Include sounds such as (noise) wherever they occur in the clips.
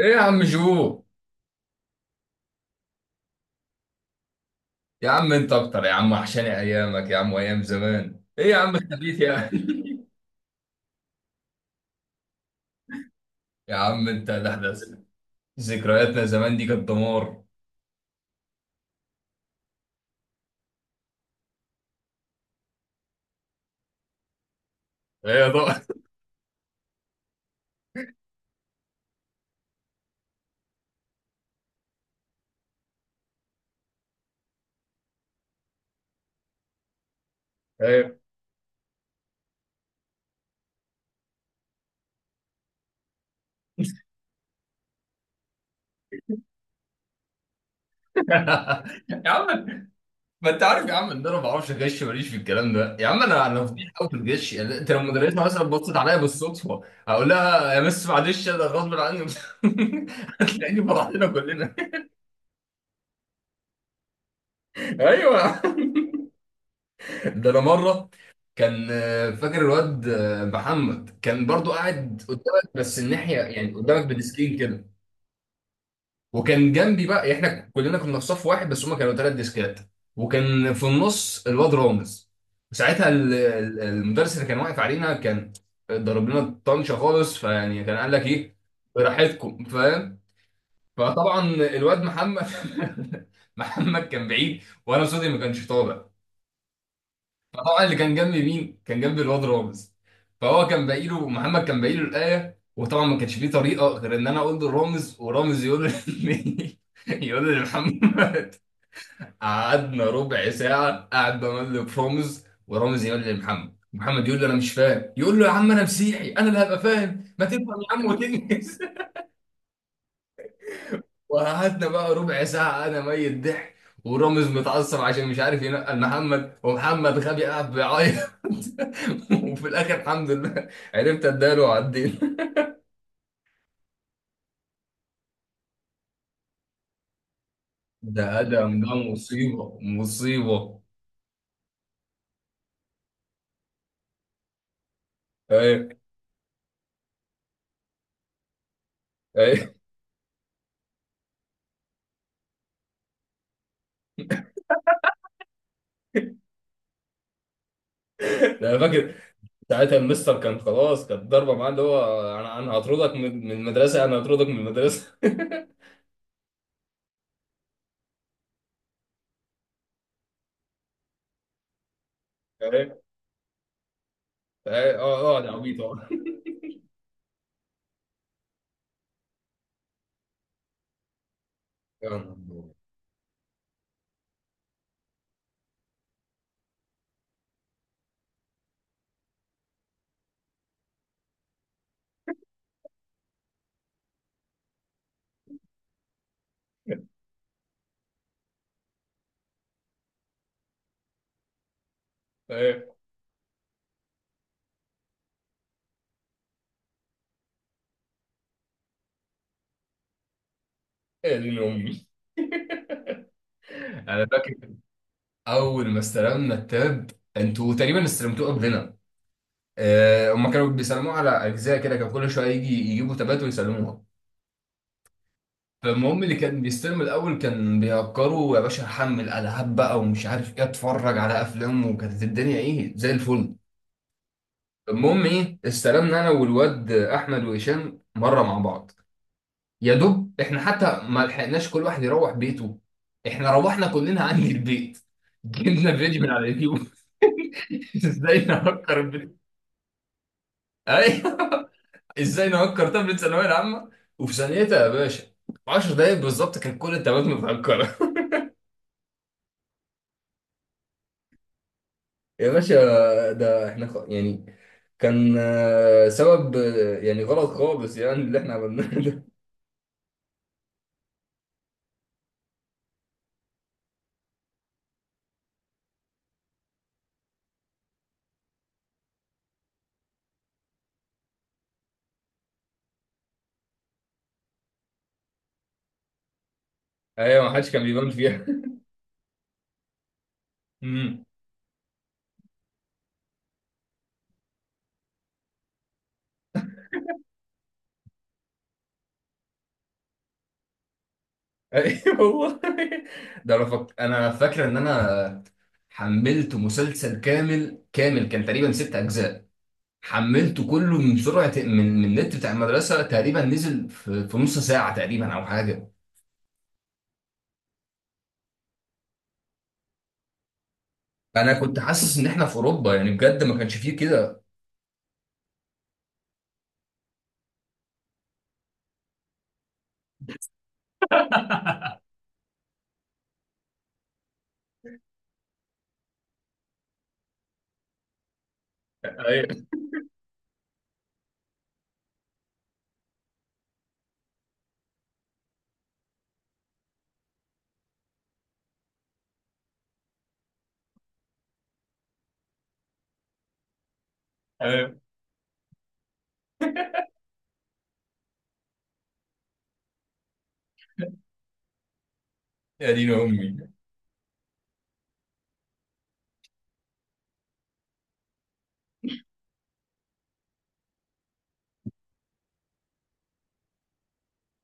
ايه يا عم جو؟ يا عم انت اكتر يا عم، وحشاني ايامك يا عم، وايام زمان. ايه يا عم الخبيث يا عم؟ (laughs) يا عم انت ده احدث. ذكرياتنا زمان دي كانت دمار. ايه يا ضوء؟ ايه؟ (laughs) يا عم، ما انت عارف يا عم ان انا ما بعرفش اغش، ماليش في الكلام ده يا عم. انا فضيح قوي في الغش يعني. انت لو مدرسه مثلا بصت عليا بالصدفه، هقول لها يا مس معلش انا غصب عني. (laughs) هتلاقيني فرحتنا كلنا. (laughs) ايوه. ده انا مره كان فاكر الواد محمد كان برضو قاعد قدامك، بس الناحيه يعني قدامك بديسكين كده. وكان جنبي بقى، يعني احنا كلنا كنا في صف واحد، بس هما كانوا ثلاث ديسكات، وكان في النص الواد رامز. ساعتها المدرس اللي كان واقف علينا كان ضرب لنا طنشه خالص، فيعني كان قال لك ايه، براحتكم، فاهم؟ فطبعا الواد محمد (laughs) محمد كان بعيد وانا صوتي ما كانش طالع. طبعا اللي كان جنبي مين؟ كان جنبي الواد رامز. فهو كان باقي له، محمد كان باقي له الآية، وطبعا ما كانش فيه طريقة غير إن أنا أقول لرامز، ورامز (laughs) يقول لمحمد. قعدنا ربع ساعة قاعد بمل في رامز، ورامز يقول لمحمد، محمد يقول له أنا مش فاهم، يقول له يا عم أنا مسيحي، أنا اللي هبقى فاهم؟ ما تفهم يا عم وتنجز. وقعدنا بقى ربع ساعة أنا ميت ضحك، ورامز متعصب عشان مش عارف ينقل محمد، ومحمد غبي قاعد بيعيط. (laughs) وفي الآخر الحمد لله عرفت أداله وعدينا. ده أدم ده مصيبة مصيبة. أي. أي. ده (laughs) أنا فاكر. ساعتها المستر كان خلاص، كانت ضربة معاه، اللي هو أنا هطردك من المدرسة، أنا هطردك من المدرسة. (laughs) أي. أي أه، أقعد يا عبيط أقعد. يا نهار أبيض. أي. يا دين أمي. (laughs) أنا فاكر اول ما استلمنا التاب. انتوا تقريبا استلمتوه قبلنا. هما كانوا بيسلموه على اجزاء كده، كان كل شويه يجي يجيبوا تابات ويسلموها. فالمهم اللي كان بيستلم الاول كان بيهكروا. يا باشا هحمل العاب بقى ومش عارف ايه، اتفرج على افلام، وكانت الدنيا ايه، زي الفل. المهم ايه، استلمنا انا والواد احمد وهشام مره مع بعض، يا دوب احنا حتى ما لحقناش كل واحد يروح بيته، احنا روحنا كلنا (laughs) عندي البيت. جبنا فيديو من على اليوتيوب. (laughs) ازاي نهكر. ايوه. (laughs) ازاي نهكر طفل ثانويه العامه؟ وفي ثانيتها يا باشا، 10 دقايق بالظبط كان كل التابات متهكره. (laughs) يا باشا، ده احنا يعني، كان سبب يعني غلط خالص يعني اللي احنا عملناه (laughs) ده. ايوه، ما حدش كان بيبان فيها. (laughs) امم. ايوه والله. (laughs) ده انا فاكر ان انا حملت مسلسل كامل كامل، كان تقريبا ست اجزاء. حملته كله من النت بتاع المدرسه، تقريبا نزل في نص ساعه تقريبا او حاجه. انا كنت حاسس ان احنا في اوروبا يعني، بجد ما كانش فيه كده. ايوه ايوه. يا دين امي.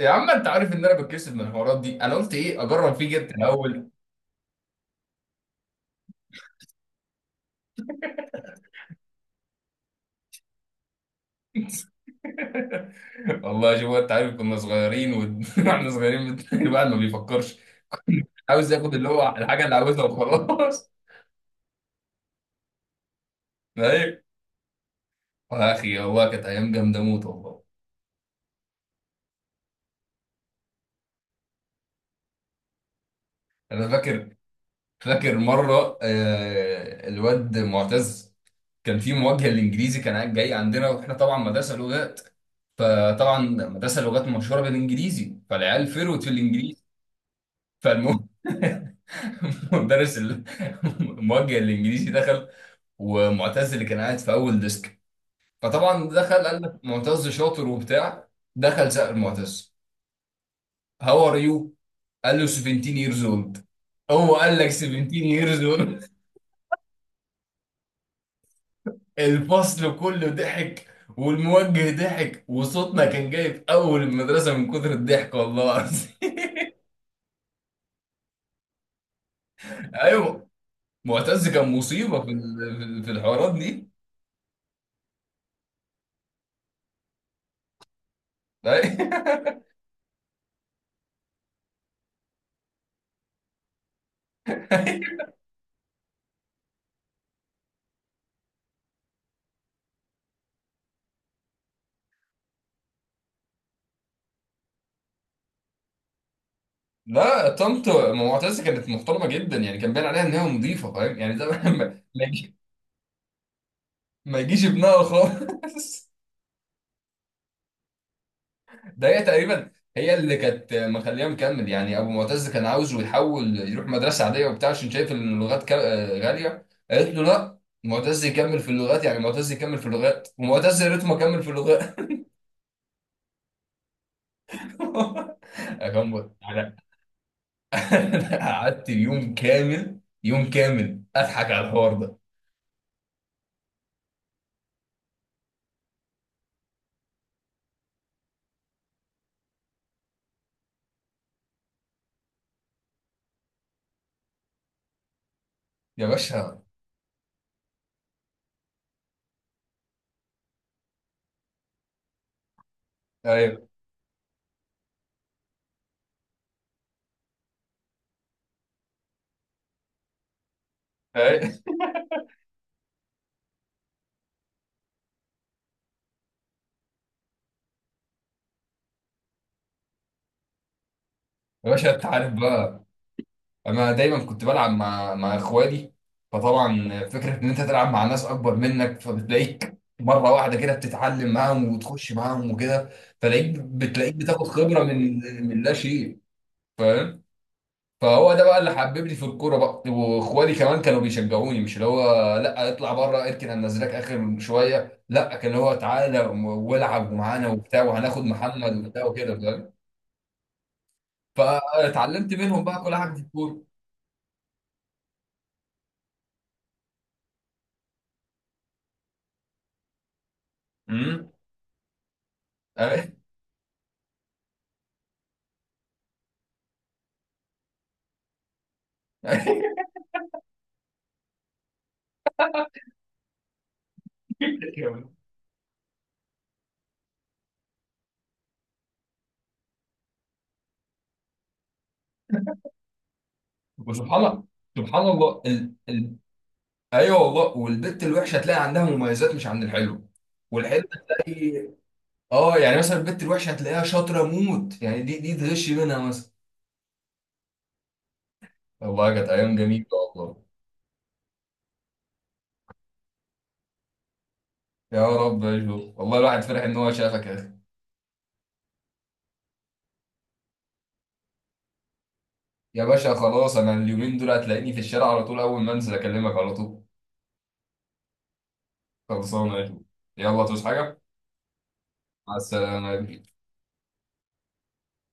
يا عم انت عارف ان انا بتكسف من الحوارات دي، انا قلت ايه اجرب فيه جبت الاول. (laughs) والله شوف، انت عارف كنا صغيرين، واحنا (laughs) صغيرين، الواحد ما بيفكرش، عاوز ياخد اللي هو الحاجه اللي عاوزها وخلاص. (laughs) ايوه. يا اخي والله كانت ايام جامده موت والله. انا فاكر فاكر مرة الواد معتز كان في مواجهة الإنجليزي، كان قاعد جاي عندنا، وإحنا طبعا مدرسة لغات، فطبعا مدرسة لغات مشهورة بالإنجليزي، فالعيال فروت في الإنجليزي. فالمهم (laughs) مدرس الموجه الإنجليزي دخل، ومعتز اللي كان قاعد في أول ديسك، فطبعا دخل قال لك معتز شاطر وبتاع. دخل سأل معتز، هاو ار يو، قال له 17 years old. هو قال لك 17 years old! الفصل كله ضحك، والموجه ضحك، وصوتنا كان جاي في اول المدرسه من كتر الضحك والله العظيم. (laughs) ايوه. معتز كان مصيبه في الحوارات دي. أي- (laughs) لا، طنط معتز كانت محترمه جدا يعني، كان باين عليها ان هي نظيفه، فاهم يعني، ده ما يجي- ما يجيش ابنها خالص. ده هي تقريبا هي اللي كانت مخليه مكمل، يعني ابو معتز كان عاوزه يحول يروح مدرسه عاديه وبتاع، عشان شايف ان اللغات غاليه، قالت له لا، معتز يكمل في اللغات، يعني معتز يكمل في اللغات، ومعتز يا ريته ما كمل في اللغات. (laughs) أكمل. انا (laughs) أنا قعدت يوم كامل، يوم كامل اضحك على الحوار ده. يا باشا. ايوه. ايوه يا باشا. انت عارف بقى، انا دايما كنت بلعب مع اخوالي، فطبعا فكره ان انت تلعب مع ناس اكبر منك، فبتلاقيك مره واحده كده بتتعلم معاهم وتخش معاهم وكده، بتلاقيك بتاخد خبره من لا شيء، فاهم؟ فهو ده بقى اللي حببني في الكوره بقى، واخوالي كمان كانوا بيشجعوني، مش اللي هو لا اطلع بره اركن هننزلك اخر شويه، لا، كان هو تعالى والعب ومعانا وبتاع، وهناخد محمد وبتاع وكده، فاهم؟ فاتعلمت منهم بقى كل حاجه في الكوره. امم. (laughs) وسبحان الله، سبحان الله ايوه والله، والبت الوحشه هتلاقي عندها مميزات مش عند الحلو، والحلو هتلاقي، اه يعني مثلا البت الوحشه هتلاقيها شاطره موت يعني، دي تغش منها مثلا. والله كانت ايام جميله. والله. يا رب يا جو. والله الواحد فرح ان هو شافك يا اخي. يا باشا خلاص، انا اليومين دول هتلاقيني في الشارع على طول، اول ما انزل اكلمك على طول. خلصانه يا جو. يلا تصحى حاجه. مع السلامه يا جو.